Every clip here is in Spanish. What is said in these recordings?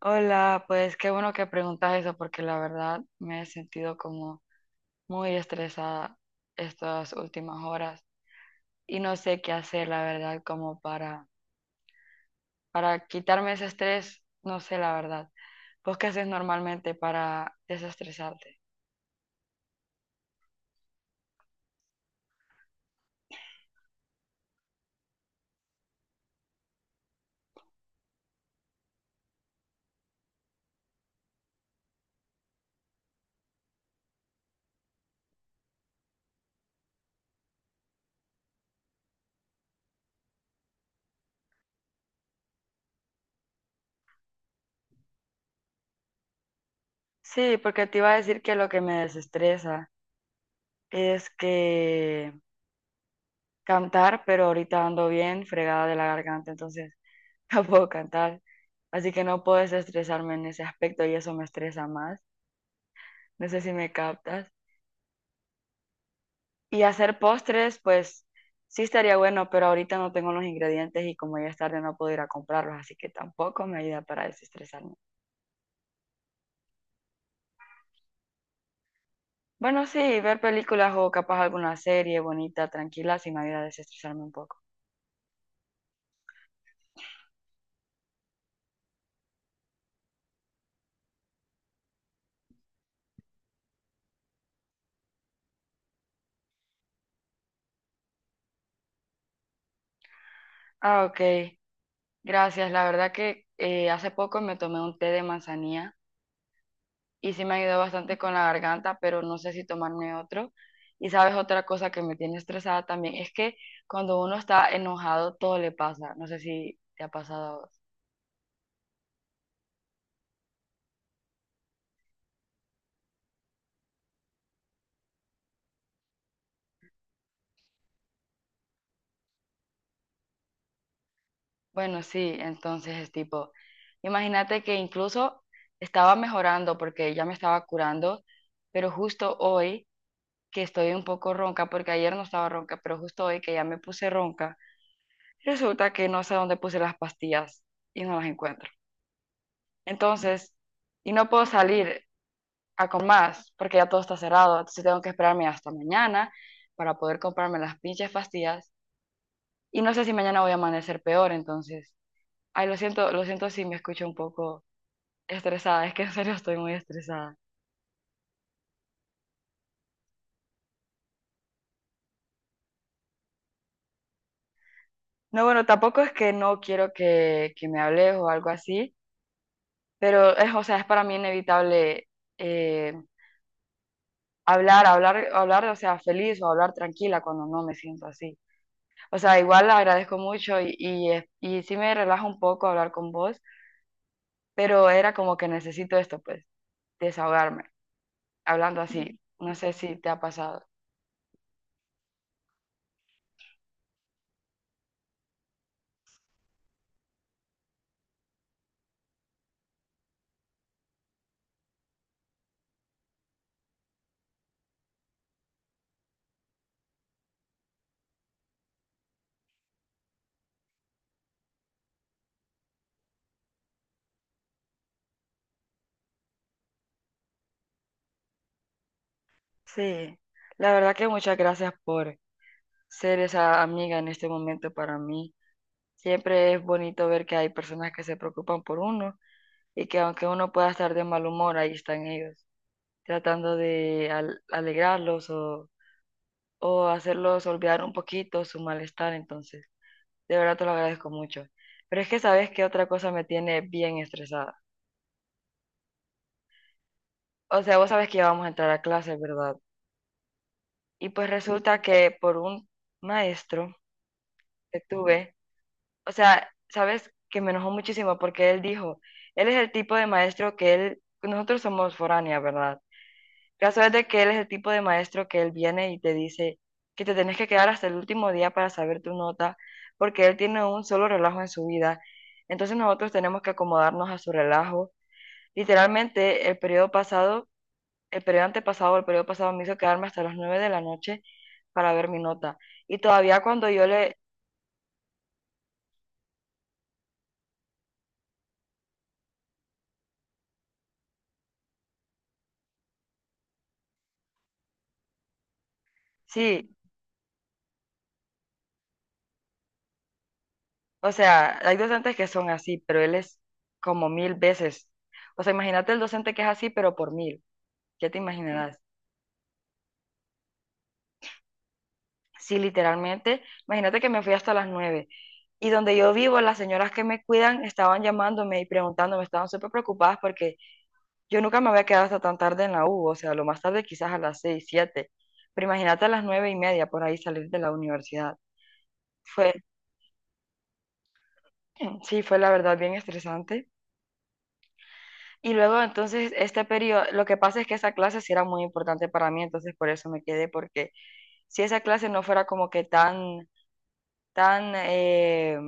Hola, pues qué bueno que preguntas eso porque la verdad me he sentido como muy estresada estas últimas horas y no sé qué hacer, la verdad, como para quitarme ese estrés, no sé la verdad. ¿Vos qué haces normalmente para desestresarte? Sí, porque te iba a decir que lo que me desestresa es que cantar, pero ahorita ando bien fregada de la garganta, entonces no puedo cantar, así que no puedo desestresarme en ese aspecto y eso me estresa más. No sé si me captas. Y hacer postres, pues sí estaría bueno, pero ahorita no tengo los ingredientes y como ya es tarde no puedo ir a comprarlos, así que tampoco me ayuda para desestresarme. Bueno, sí, ver películas o capaz alguna serie bonita, tranquila, sí me ayuda a desestresarme un poco. Ah, ok. Gracias. La verdad que hace poco me tomé un té de manzanilla y sí me ayudó bastante con la garganta, pero no sé si tomarme otro. Y sabes, otra cosa que me tiene estresada también es que cuando uno está enojado, todo le pasa. No sé si te ha pasado a vos. Bueno, sí, entonces es tipo, imagínate que incluso estaba mejorando porque ya me estaba curando, pero justo hoy que estoy un poco ronca, porque ayer no estaba ronca, pero justo hoy que ya me puse ronca, resulta que no sé dónde puse las pastillas y no las encuentro. Entonces, y no puedo salir, a con más, porque ya todo está cerrado. Entonces tengo que esperarme hasta mañana para poder comprarme las pinches pastillas. Y no sé si mañana voy a amanecer peor, entonces. Ay, lo siento si me escucho un poco estresada. Es que en serio estoy muy estresada. No, bueno, tampoco es que no quiero que me hables o algo así, pero es, o sea, es para mí inevitable eh, hablar, hablar, hablar, o sea, feliz o hablar tranquila cuando no me siento así. O sea, igual agradezco mucho y sí me relaja un poco hablar con vos, pero era como que necesito esto, pues, desahogarme, hablando así. No sé si te ha pasado. Sí, la verdad que muchas gracias por ser esa amiga en este momento para mí. Siempre es bonito ver que hay personas que se preocupan por uno y que aunque uno pueda estar de mal humor, ahí están ellos, tratando de alegrarlos o hacerlos olvidar un poquito su malestar. Entonces, de verdad te lo agradezco mucho. Pero es que sabes que otra cosa me tiene bien estresada. O sea, vos sabes que íbamos a entrar a clase, ¿verdad? Y pues resulta que por un maestro que tuve, o sea, sabes que me enojó muchísimo porque él dijo, él es el tipo de maestro que él, nosotros somos foráneas, ¿verdad? Caso es de que él es el tipo de maestro que él viene y te dice que te tenés que quedar hasta el último día para saber tu nota, porque él tiene un solo relajo en su vida. Entonces nosotros tenemos que acomodarnos a su relajo. Literalmente, el periodo antepasado, el periodo pasado me hizo quedarme hasta las 9 de la noche para ver mi nota. Y todavía cuando yo le, sí, o sea, hay docentes que son así, pero él es como mil veces. O sea, imagínate el docente que es así, pero por mil, ya te imaginarás. Sí, literalmente, imagínate que me fui hasta las 9. Y donde yo vivo, las señoras que me cuidan estaban llamándome y preguntándome, estaban súper preocupadas porque yo nunca me había quedado hasta tan tarde en la U, o sea, lo más tarde quizás a las 6, 7, pero imagínate a las 9:30 por ahí salir de la universidad. Fue, sí, fue la verdad bien estresante. Y luego entonces este periodo, lo que pasa es que esa clase sí era muy importante para mí, entonces por eso me quedé, porque si esa clase no fuera como que tan, tan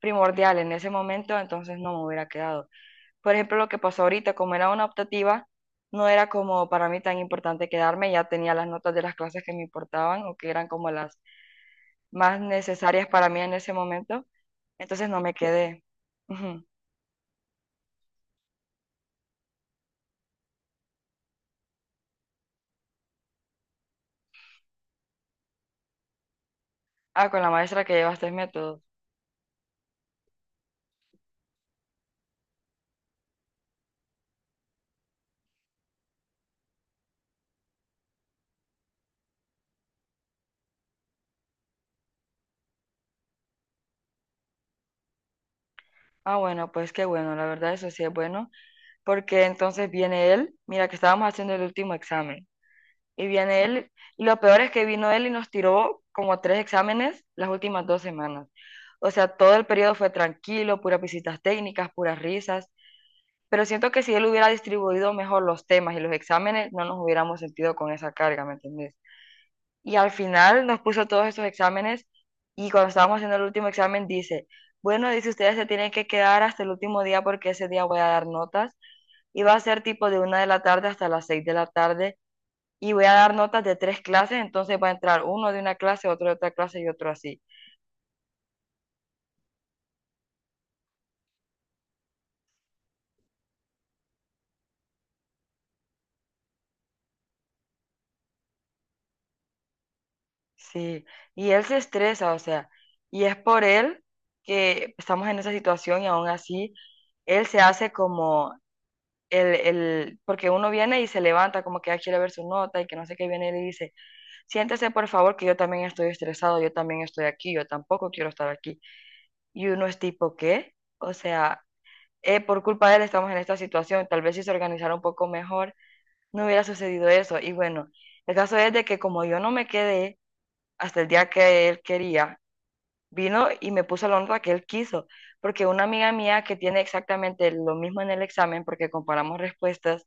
primordial en ese momento, entonces no me hubiera quedado. Por ejemplo, lo que pasó ahorita, como era una optativa, no era como para mí tan importante quedarme, ya tenía las notas de las clases que me importaban o que eran como las más necesarias para mí en ese momento, entonces no me quedé. Ujú. Ah, con la maestra que lleva tres métodos. Ah, bueno, pues qué bueno, la verdad eso sí es bueno, porque entonces viene él, mira que estábamos haciendo el último examen. Y viene él, y lo peor es que vino él y nos tiró como tres exámenes las últimas 2 semanas. O sea, todo el periodo fue tranquilo, puras visitas técnicas, puras risas, pero siento que si él hubiera distribuido mejor los temas y los exámenes, no nos hubiéramos sentido con esa carga, ¿me entendés? Y al final nos puso todos estos exámenes y cuando estábamos haciendo el último examen dice, bueno, dice ustedes se tienen que quedar hasta el último día porque ese día voy a dar notas y va a ser tipo de 1 de la tarde hasta las 6 de la tarde y voy a dar notas de tres clases, entonces va a entrar uno de una clase, otro de otra clase y otro así. Sí, y él se estresa, o sea, y es por él que estamos en esa situación y aún así él se hace como porque uno viene y se levanta como que ya quiere ver su nota y que no sé qué viene y le dice, siéntese por favor que yo también estoy estresado, yo también estoy aquí, yo tampoco quiero estar aquí. Y uno es tipo, ¿qué? O sea, por culpa de él estamos en esta situación, tal vez si se organizara un poco mejor no hubiera sucedido eso. Y bueno, el caso es de que como yo no me quedé hasta el día que él quería, vino y me puso la honra que él quiso, porque una amiga mía que tiene exactamente lo mismo en el examen, porque comparamos respuestas,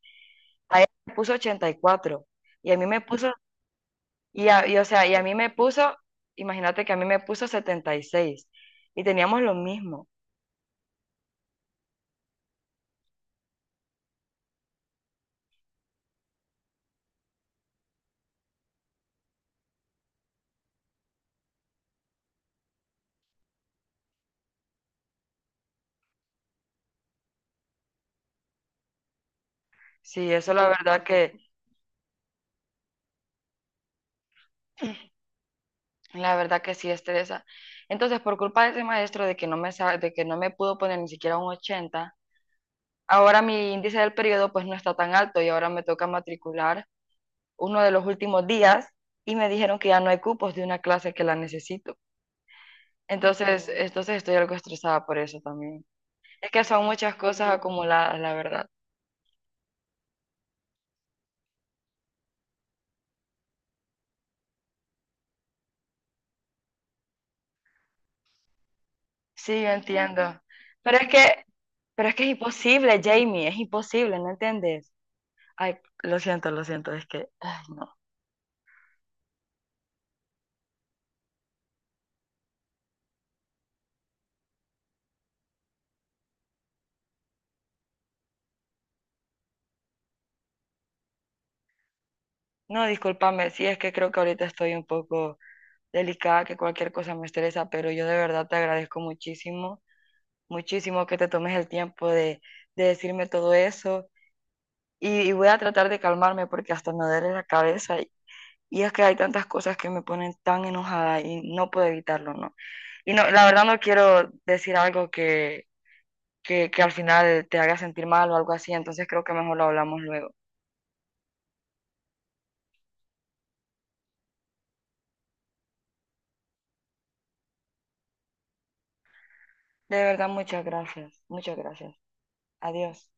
a él me puso 84 y a mí me puso, y a mí me puso, imagínate que a mí me puso 76 y teníamos lo mismo. Sí, eso la verdad la verdad que sí estresa. Entonces, por culpa de ese maestro de que no me, sa- de que no me pudo poner ni siquiera un 80. Ahora mi índice del periodo pues no está tan alto y ahora me toca matricular uno de los últimos días y me dijeron que ya no hay cupos de una clase que la necesito. Entonces, entonces estoy algo estresada por eso también. Es que son muchas cosas acumuladas, la verdad. Sí, yo entiendo. Pero es que, pero es que es imposible, Jamie, es imposible, ¿no entiendes? Ay, lo siento, es que, ay, no. No, discúlpame, sí, es que creo que ahorita estoy un poco delicada, que cualquier cosa me estresa, pero yo de verdad te agradezco muchísimo muchísimo que te tomes el tiempo de decirme todo eso y voy a tratar de calmarme porque hasta me duele la cabeza y es que hay tantas cosas que me ponen tan enojada y no puedo evitarlo, ¿no? Y no, la verdad no quiero decir algo que al final te haga sentir mal o algo así, entonces creo que mejor lo hablamos luego. De verdad, muchas gracias, muchas gracias. Adiós.